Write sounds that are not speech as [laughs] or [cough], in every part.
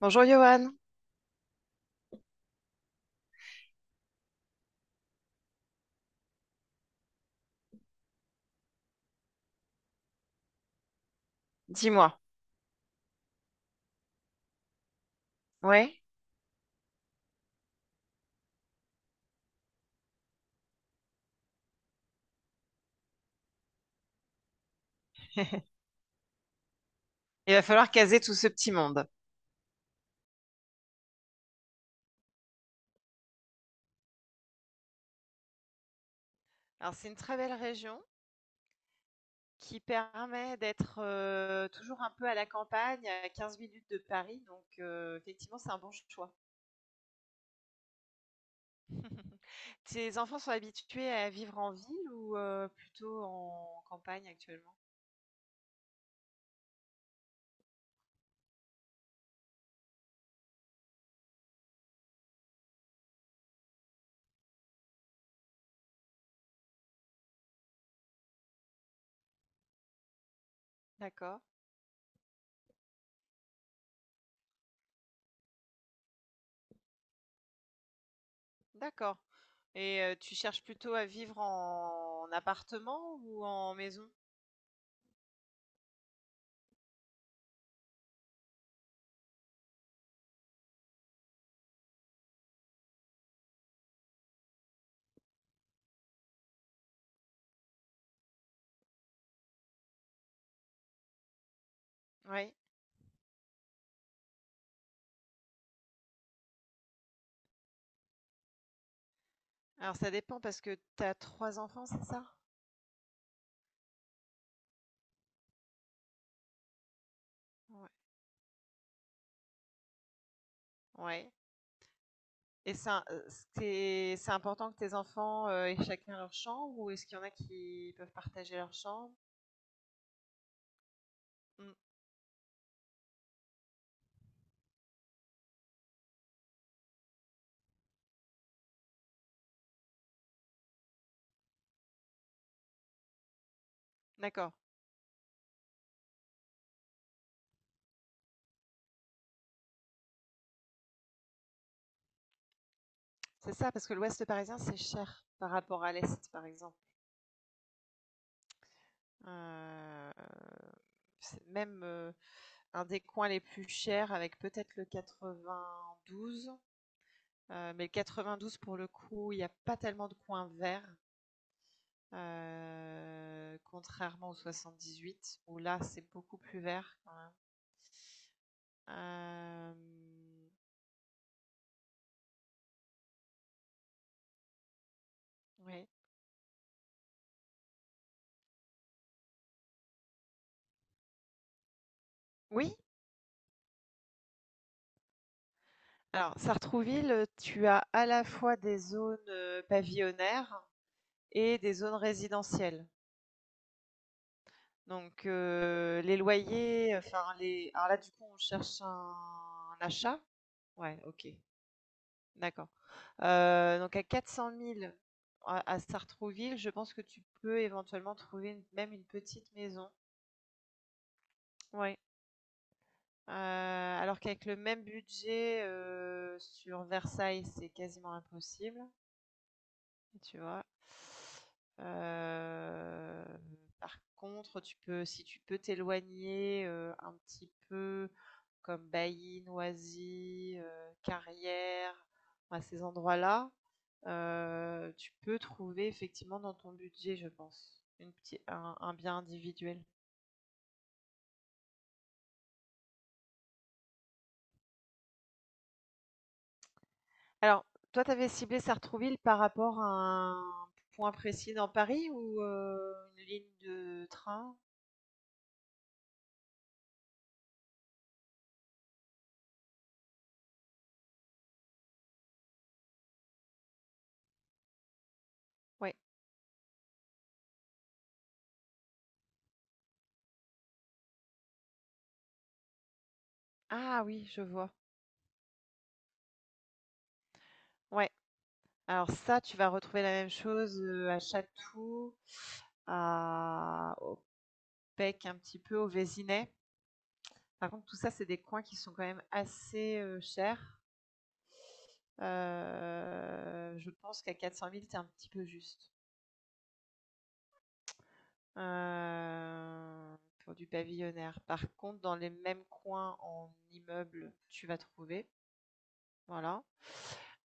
Bonjour Johan, dis-moi, ouais, il va falloir caser tout ce petit monde. Alors c'est une très belle région qui permet d'être toujours un peu à la campagne, à 15 minutes de Paris, donc effectivement c'est un bon choix. [laughs] Tes enfants sont habitués à vivre en ville ou plutôt en campagne actuellement? D'accord, d'accord. Et tu cherches plutôt à vivre en appartement ou en maison? Oui. Alors ça dépend parce que tu as trois enfants, c'est ça? Ouais. Ouais. Et c'est important que tes enfants aient chacun leur chambre ou est-ce qu'il y en a qui peuvent partager leur chambre? Mm, d'accord. C'est ça, parce que l'Ouest parisien, c'est cher par rapport à l'Est, par exemple. Euh, c'est même un des coins les plus chers avec peut-être le 92. Mais le 92, pour le coup, il n'y a pas tellement de coins verts, contrairement au 78, où là, c'est beaucoup plus vert. Euh, Oui. Oui, alors Sartrouville, tu as à la fois des zones pavillonnaires et des zones résidentielles. Donc les loyers, enfin les. Alors là, du coup, on cherche un achat. Ouais, ok, d'accord. Donc à 400 000 à Sartrouville, je pense que tu peux éventuellement trouver même une petite maison. Ouais. Euh, alors qu'avec le même budget sur Versailles, c'est quasiment impossible. Tu vois? Heu, Par contre, tu peux si tu peux t'éloigner, un petit peu comme Bailly, Noisy, Carrières, à ces endroits-là, tu peux trouver effectivement dans ton budget, je pense, une petit un bien individuel. Alors, toi, tu avais ciblé Sartrouville par rapport à un point précis dans Paris ou, une ligne de train? Ouais. Ah oui, je vois. Ouais. Alors ça, tu vas retrouver la même chose, à Château, à au Pec, un petit peu, au Vésinet. Par contre, tout ça, c'est des coins qui sont quand même assez, chers. Je pense qu'à 400 000, tu es un petit peu juste, heu, pour du pavillonnaire. Par contre, dans les mêmes coins en immeuble, tu vas trouver, voilà.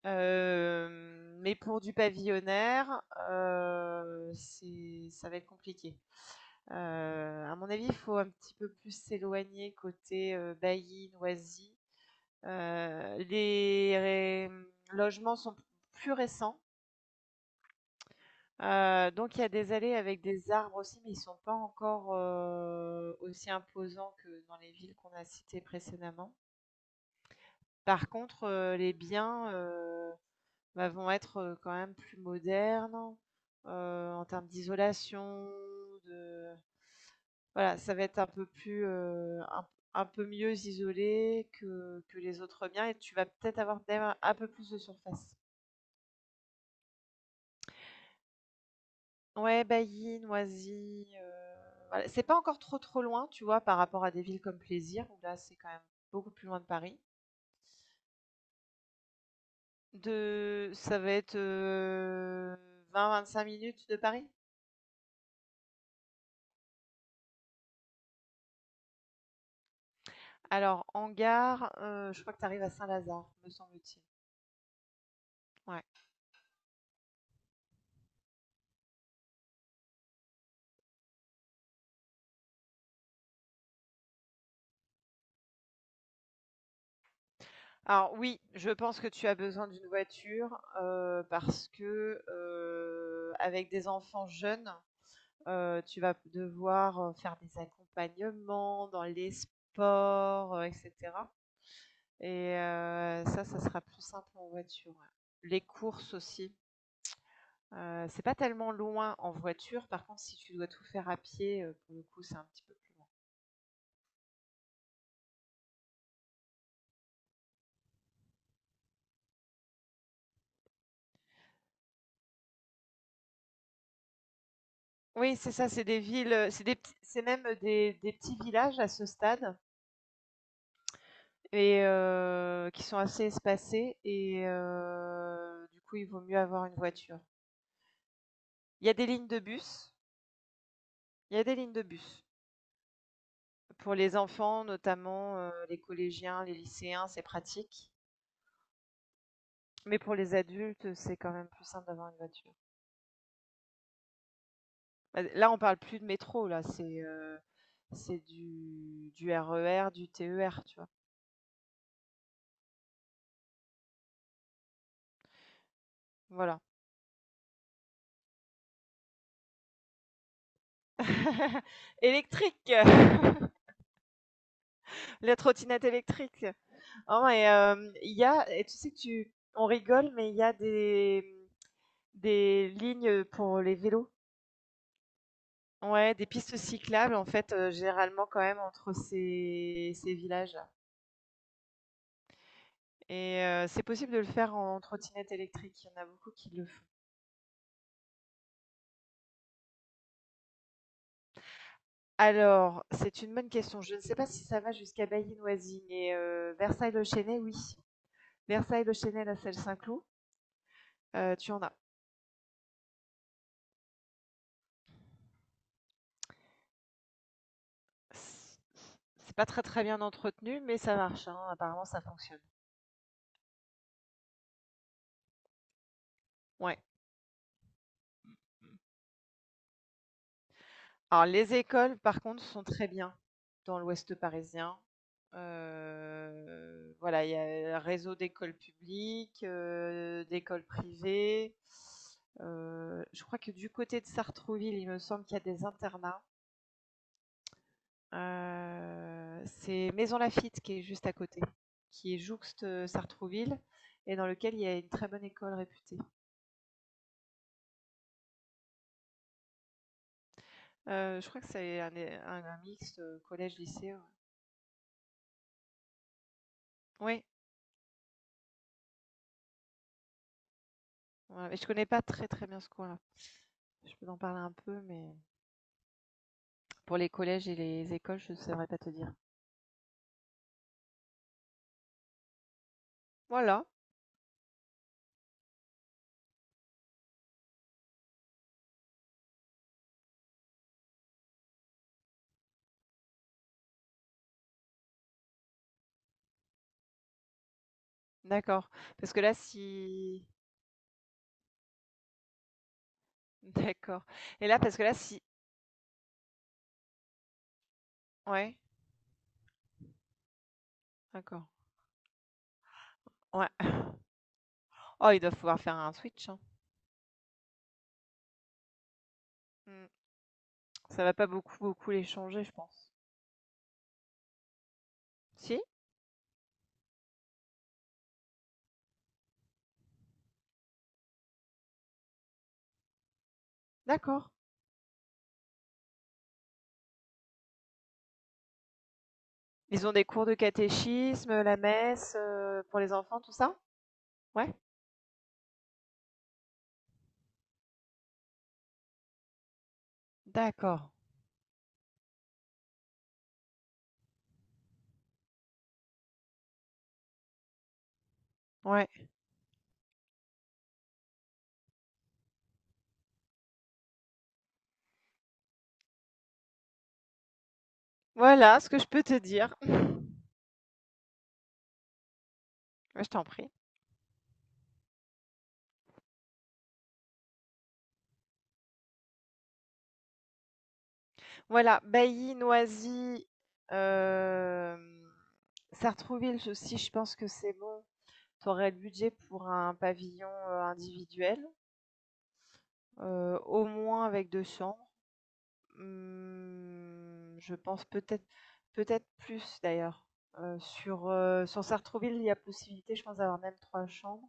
Mais pour du pavillonnaire, c'est ça va être compliqué. À mon avis, il faut un petit peu plus s'éloigner côté, Bailli, Noisy. Les mmh, logements sont plus récents, donc il y a des allées avec des arbres aussi, mais ils ne sont pas encore, aussi imposants que dans les villes qu'on a citées précédemment. Par contre, les biens, bah, vont être, quand même plus modernes, en termes d'isolation, de voilà, ça va être un peu plus, un peu mieux isolé que les autres biens et tu vas peut-être avoir même un peu plus de surface. Ouais, Bailly, Noisy, voilà. C'est pas encore trop, trop loin, tu vois, par rapport à des villes comme Plaisir où là, c'est quand même beaucoup plus loin de Paris. De Ça va être, 25 minutes de Paris. Alors en gare, je crois que tu arrives à Saint-Lazare, me semble-t-il. Ouais. Alors oui, je pense que tu as besoin d'une voiture, parce que, avec des enfants jeunes, tu vas devoir, faire des accompagnements dans les sports, et cetera et ça, ça sera plus simple en voiture, ouais. Les courses aussi, c'est pas tellement loin en voiture, par contre si tu dois tout faire à pied, pour le coup, c'est un petit peu plus loin. Oui, c'est ça, c'est des villes, c'est même, des petits villages à ce stade et qui sont assez espacées et du coup, il vaut mieux avoir une voiture. Il y a des lignes de bus il y a des lignes de bus. Pour les enfants notamment, les collégiens, les lycéens, c'est pratique. Mais pour les adultes, c'est quand même plus simple d'avoir une voiture. Bah, là, on parle plus de métro là, c'est du RER, du TER, tu vois? Voilà. [laughs] Électrique! [laughs] La trottinette électrique! Oh et il y a et tu sais que tu on rigole, mais il y a des lignes pour les vélos. Ouais, des pistes cyclables en fait, généralement quand même entre ces villages-là et c'est possible de le faire en trottinette électrique, il y en a beaucoup qui le font. Alors, c'est une bonne question. Je ne sais pas si ça va jusqu'à Bailly-Noisy, mais Versailles-le-Chênaie, oui. Versailles-le-Chênaie, la Celle-Saint-Cloud, tu en as. C'est pas très, très bien entretenu, mais ça marche, hein, apparemment ça fonctionne. Ouais. Alors les écoles par contre sont très bien dans l'Ouest parisien. Voilà, il y a un réseau d'écoles publiques, d'écoles privées. Je crois que du côté de Sartrouville, il me semble qu'il y a des internats. C'est Maison Laffitte qui est juste à côté, qui est jouxte, Sartrouville et dans lequel il y a une très bonne école réputée. Je crois que c'est un é un mixte, collège-lycée, ouais. Oui, ouais, je connais pas très, très bien ce coin-là. Je peux en parler un peu, mais pour les collèges et les écoles, je ne saurais pas te dire. Voilà, d'accord. Parce que là, si... [laughs] D'accord. Et là, parce que là, si... Ouais, d'accord. Ouais. Oh, ils doivent pouvoir faire un switch, hein. Mm. Ça va pas beaucoup, beaucoup les changer, je pense. Si? D'accord. Ils ont des cours de catéchisme, la messe, pour les enfants, tout ça? Ouais. D'accord. Ouais. Voilà ce que je peux te dire. [laughs] Je t'en prie. Voilà, Bailly, Noisy, hem, Sartrouville aussi, je pense que c'est bon. Tu aurais le budget pour un pavillon, individuel, au moins avec 2 chambres. Mmh, je pense peut-être plus d'ailleurs, sur Sartrouville, il y a possibilité, je pense, d'avoir même 3 chambres.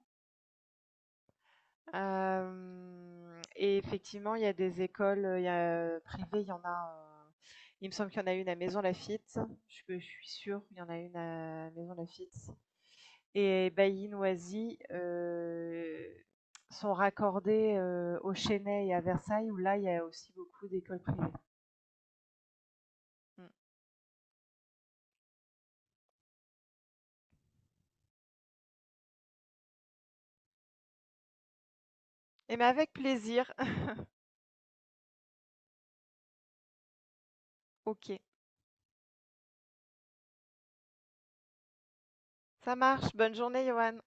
Hem Et effectivement, il y a des écoles, il y a, privées, il y en a, heu, il me semble qu'il y en a une à Maisons-Laffitte, je suis sûre, qu'il y en a une à Maisons-Laffitte et Bailly-Noisy, sont raccordées, au Chesnay et à Versailles où là, il y a aussi beaucoup d'écoles privées. Mmh et mais avec plaisir. [laughs] OK. Ça marche, bonne journée Johan.